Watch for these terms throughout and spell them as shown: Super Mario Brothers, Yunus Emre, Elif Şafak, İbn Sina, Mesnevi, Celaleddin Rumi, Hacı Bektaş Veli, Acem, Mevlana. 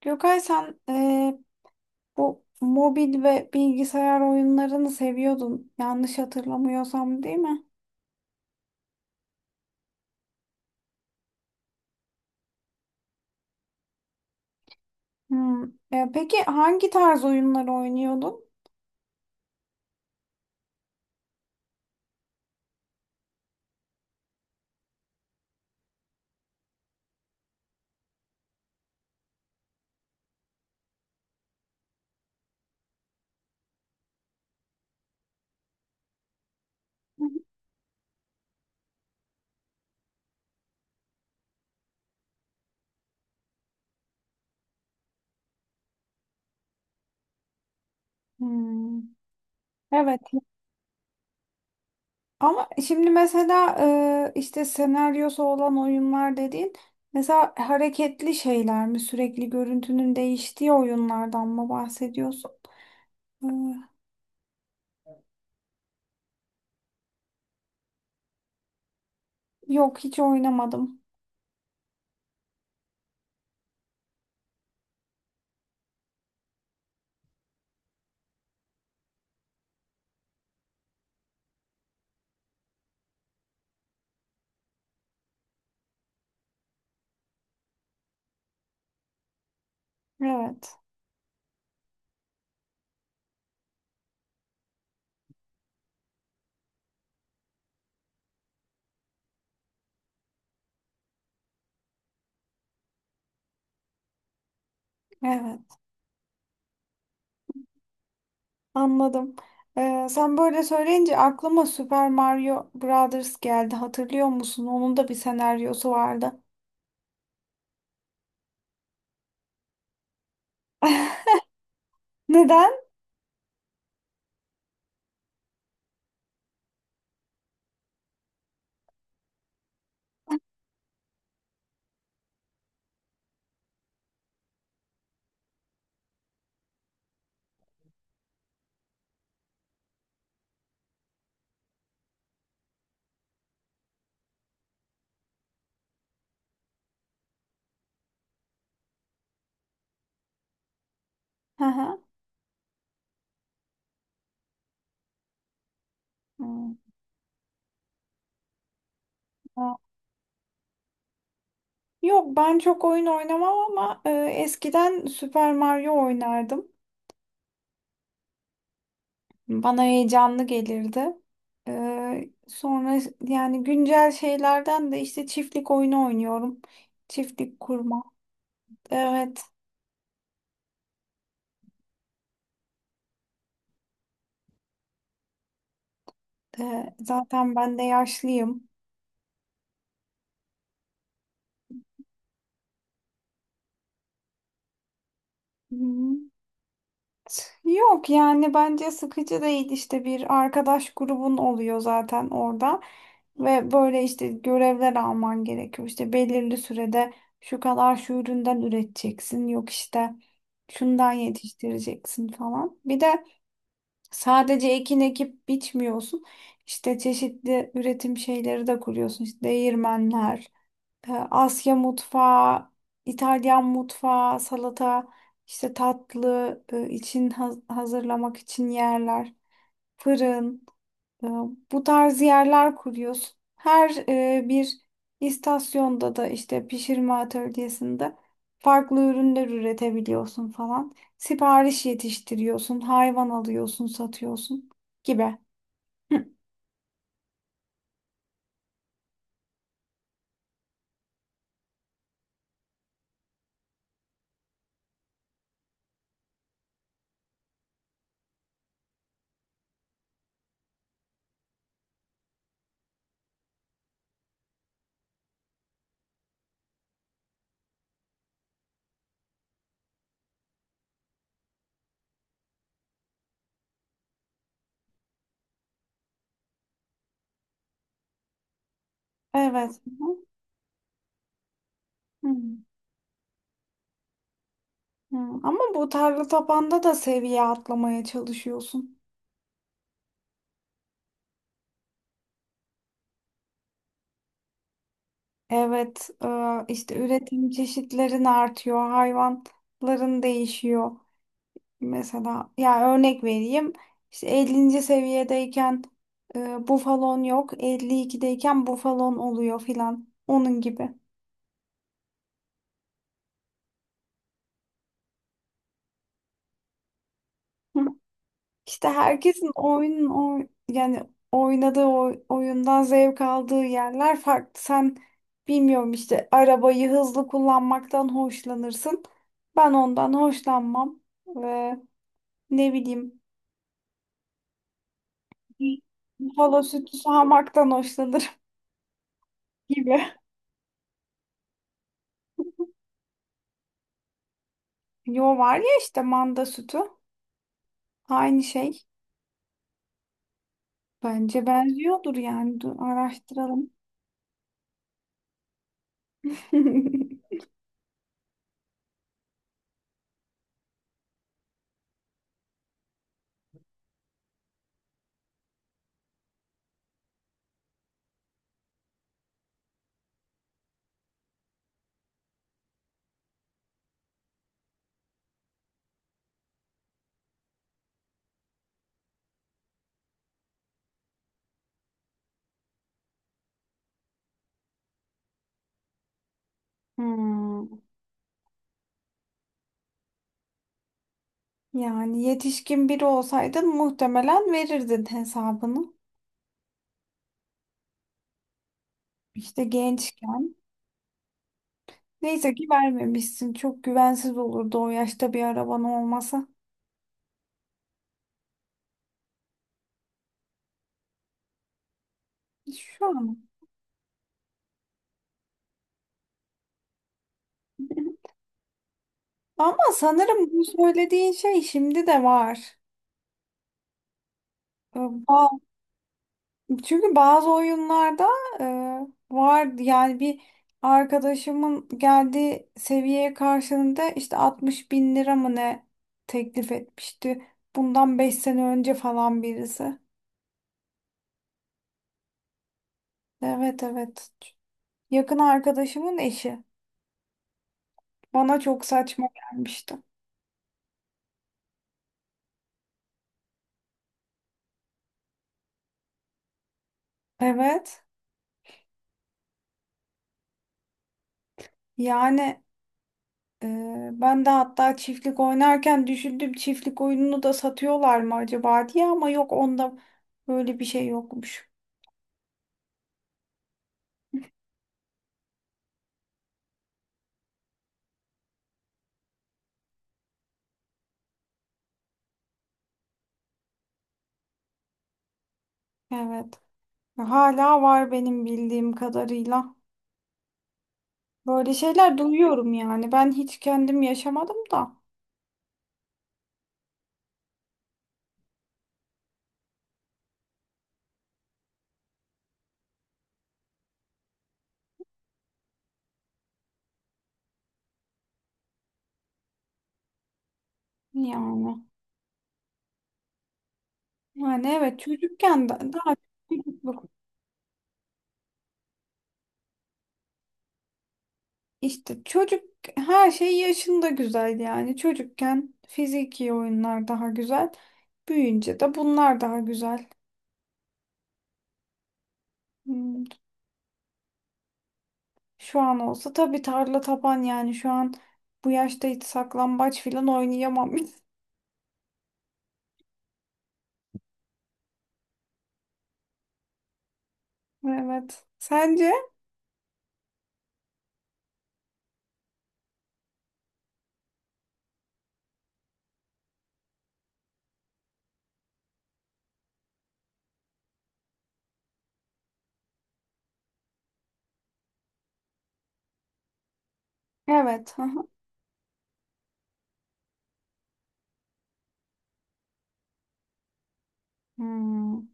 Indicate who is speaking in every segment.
Speaker 1: Gökay, sen bu mobil ve bilgisayar oyunlarını seviyordun, yanlış hatırlamıyorsam, değil mi? Hmm. E, peki hangi tarz oyunları oynuyordun? Hmm. Evet. Ama şimdi mesela işte senaryosu olan oyunlar dediğin, mesela hareketli şeyler mi? Sürekli görüntünün değiştiği oyunlardan mı bahsediyorsun? Eee, yok, hiç oynamadım. Evet. Evet. Anladım. Sen böyle söyleyince aklıma Super Mario Brothers geldi. Hatırlıyor musun? Onun da bir senaryosu vardı. Neden? Hı hı. Hmm. Ha. Yok, ben çok oyun oynamam ama e, eskiden Super Mario oynardım. Bana heyecanlı gelirdi. E, sonra yani güncel şeylerden de işte çiftlik oyunu oynuyorum. Çiftlik kurma. Evet. E, zaten ben de yaşlıyım. Hı hı. Yok, yani bence sıkıcı değil, işte bir arkadaş grubun oluyor zaten orada, ve böyle işte görevler alman gerekiyor, işte belirli sürede şu kadar şu üründen üreteceksin, yok işte şundan yetiştireceksin falan. Bir de sadece ekin ekip biçmiyorsun, işte çeşitli üretim şeyleri de kuruyorsun, işte değirmenler, e, Asya mutfağı, İtalyan mutfağı, salata, işte tatlı e, için hazırlamak için yerler, fırın, e, bu tarz yerler kuruyoruz. Her e, bir istasyonda da işte pişirme atölyesinde farklı ürünler üretebiliyorsun falan. Sipariş yetiştiriyorsun, hayvan alıyorsun, satıyorsun gibi. Hı. Evet. Hı, hı, hı. Ama bu tarla tapanda da seviye atlamaya çalışıyorsun. Evet, e, işte üretim çeşitlerin artıyor, hayvanların değişiyor. Mesela ya örnek vereyim. İşte 50. seviyedeyken e, bufalon yok, 52'deyken bufalon oluyor filan. Onun gibi. Hı. İşte herkesin yani oyundan zevk aldığı yerler farklı. Sen, bilmiyorum, işte arabayı hızlı kullanmaktan hoşlanırsın. Ben ondan hoşlanmam. Ve ne bileyim, Buffalo sütü sağmaktan hoşlanırım gibi. Yo, var ya işte, manda sütü. Aynı şey. Bence benziyordur yani. Dur, araştıralım. Hmm. Yani yetişkin biri olsaydın muhtemelen verirdin hesabını. İşte gençken. Neyse ki vermemişsin. Çok güvensiz olurdu o yaşta bir araban olmasa. Şu an. Ama sanırım bu söylediğin şey şimdi de var. Ee, Çünkü bazı oyunlarda e, vardı yani, bir arkadaşımın geldiği seviyeye karşılığında işte 60 bin lira mı ne teklif etmişti. Bundan 5 sene önce falan birisi. Evet, evet. Yakın arkadaşımın eşi. Bana çok saçma gelmişti. Evet. Yani ee, ben de hatta çiftlik oynarken düşündüm, çiftlik oyununu da satıyorlar mı acaba diye, ama yok, onda böyle bir şey yokmuş. Evet. Hala var benim bildiğim kadarıyla. Böyle şeyler duyuyorum yani. Ben hiç kendim yaşamadım da. Yani. Yani evet, çocukken daha çocukluk. İşte çocuk, her şey yaşında güzel yani. Çocukken fiziki oyunlar daha güzel. Büyüyünce de bunlar daha güzel. Hmm. Şu an olsa tabii tarla taban, yani şu an bu yaşta hiç saklambaç filan oynayamam. Evet. Sence? Evet. Hı hı. Hmm.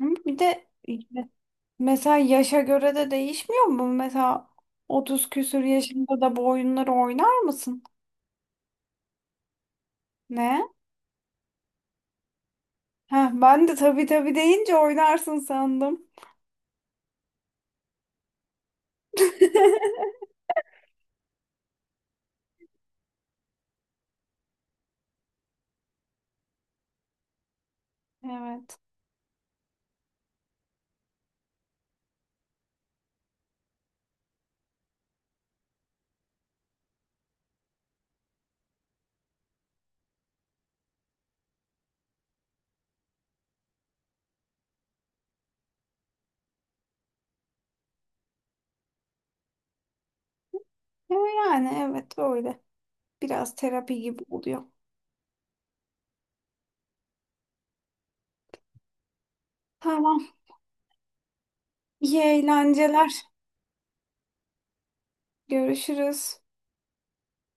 Speaker 1: Ama bir de işte, mesela yaşa göre de değişmiyor mu? Mesela 30 küsür yaşında da bu oyunları oynar mısın? Ne? Heh, ben de tabii tabii deyince oynarsın sandım. Evet. Ya, yani evet öyle. Biraz terapi gibi oluyor. Tamam. İyi eğlenceler. Görüşürüz.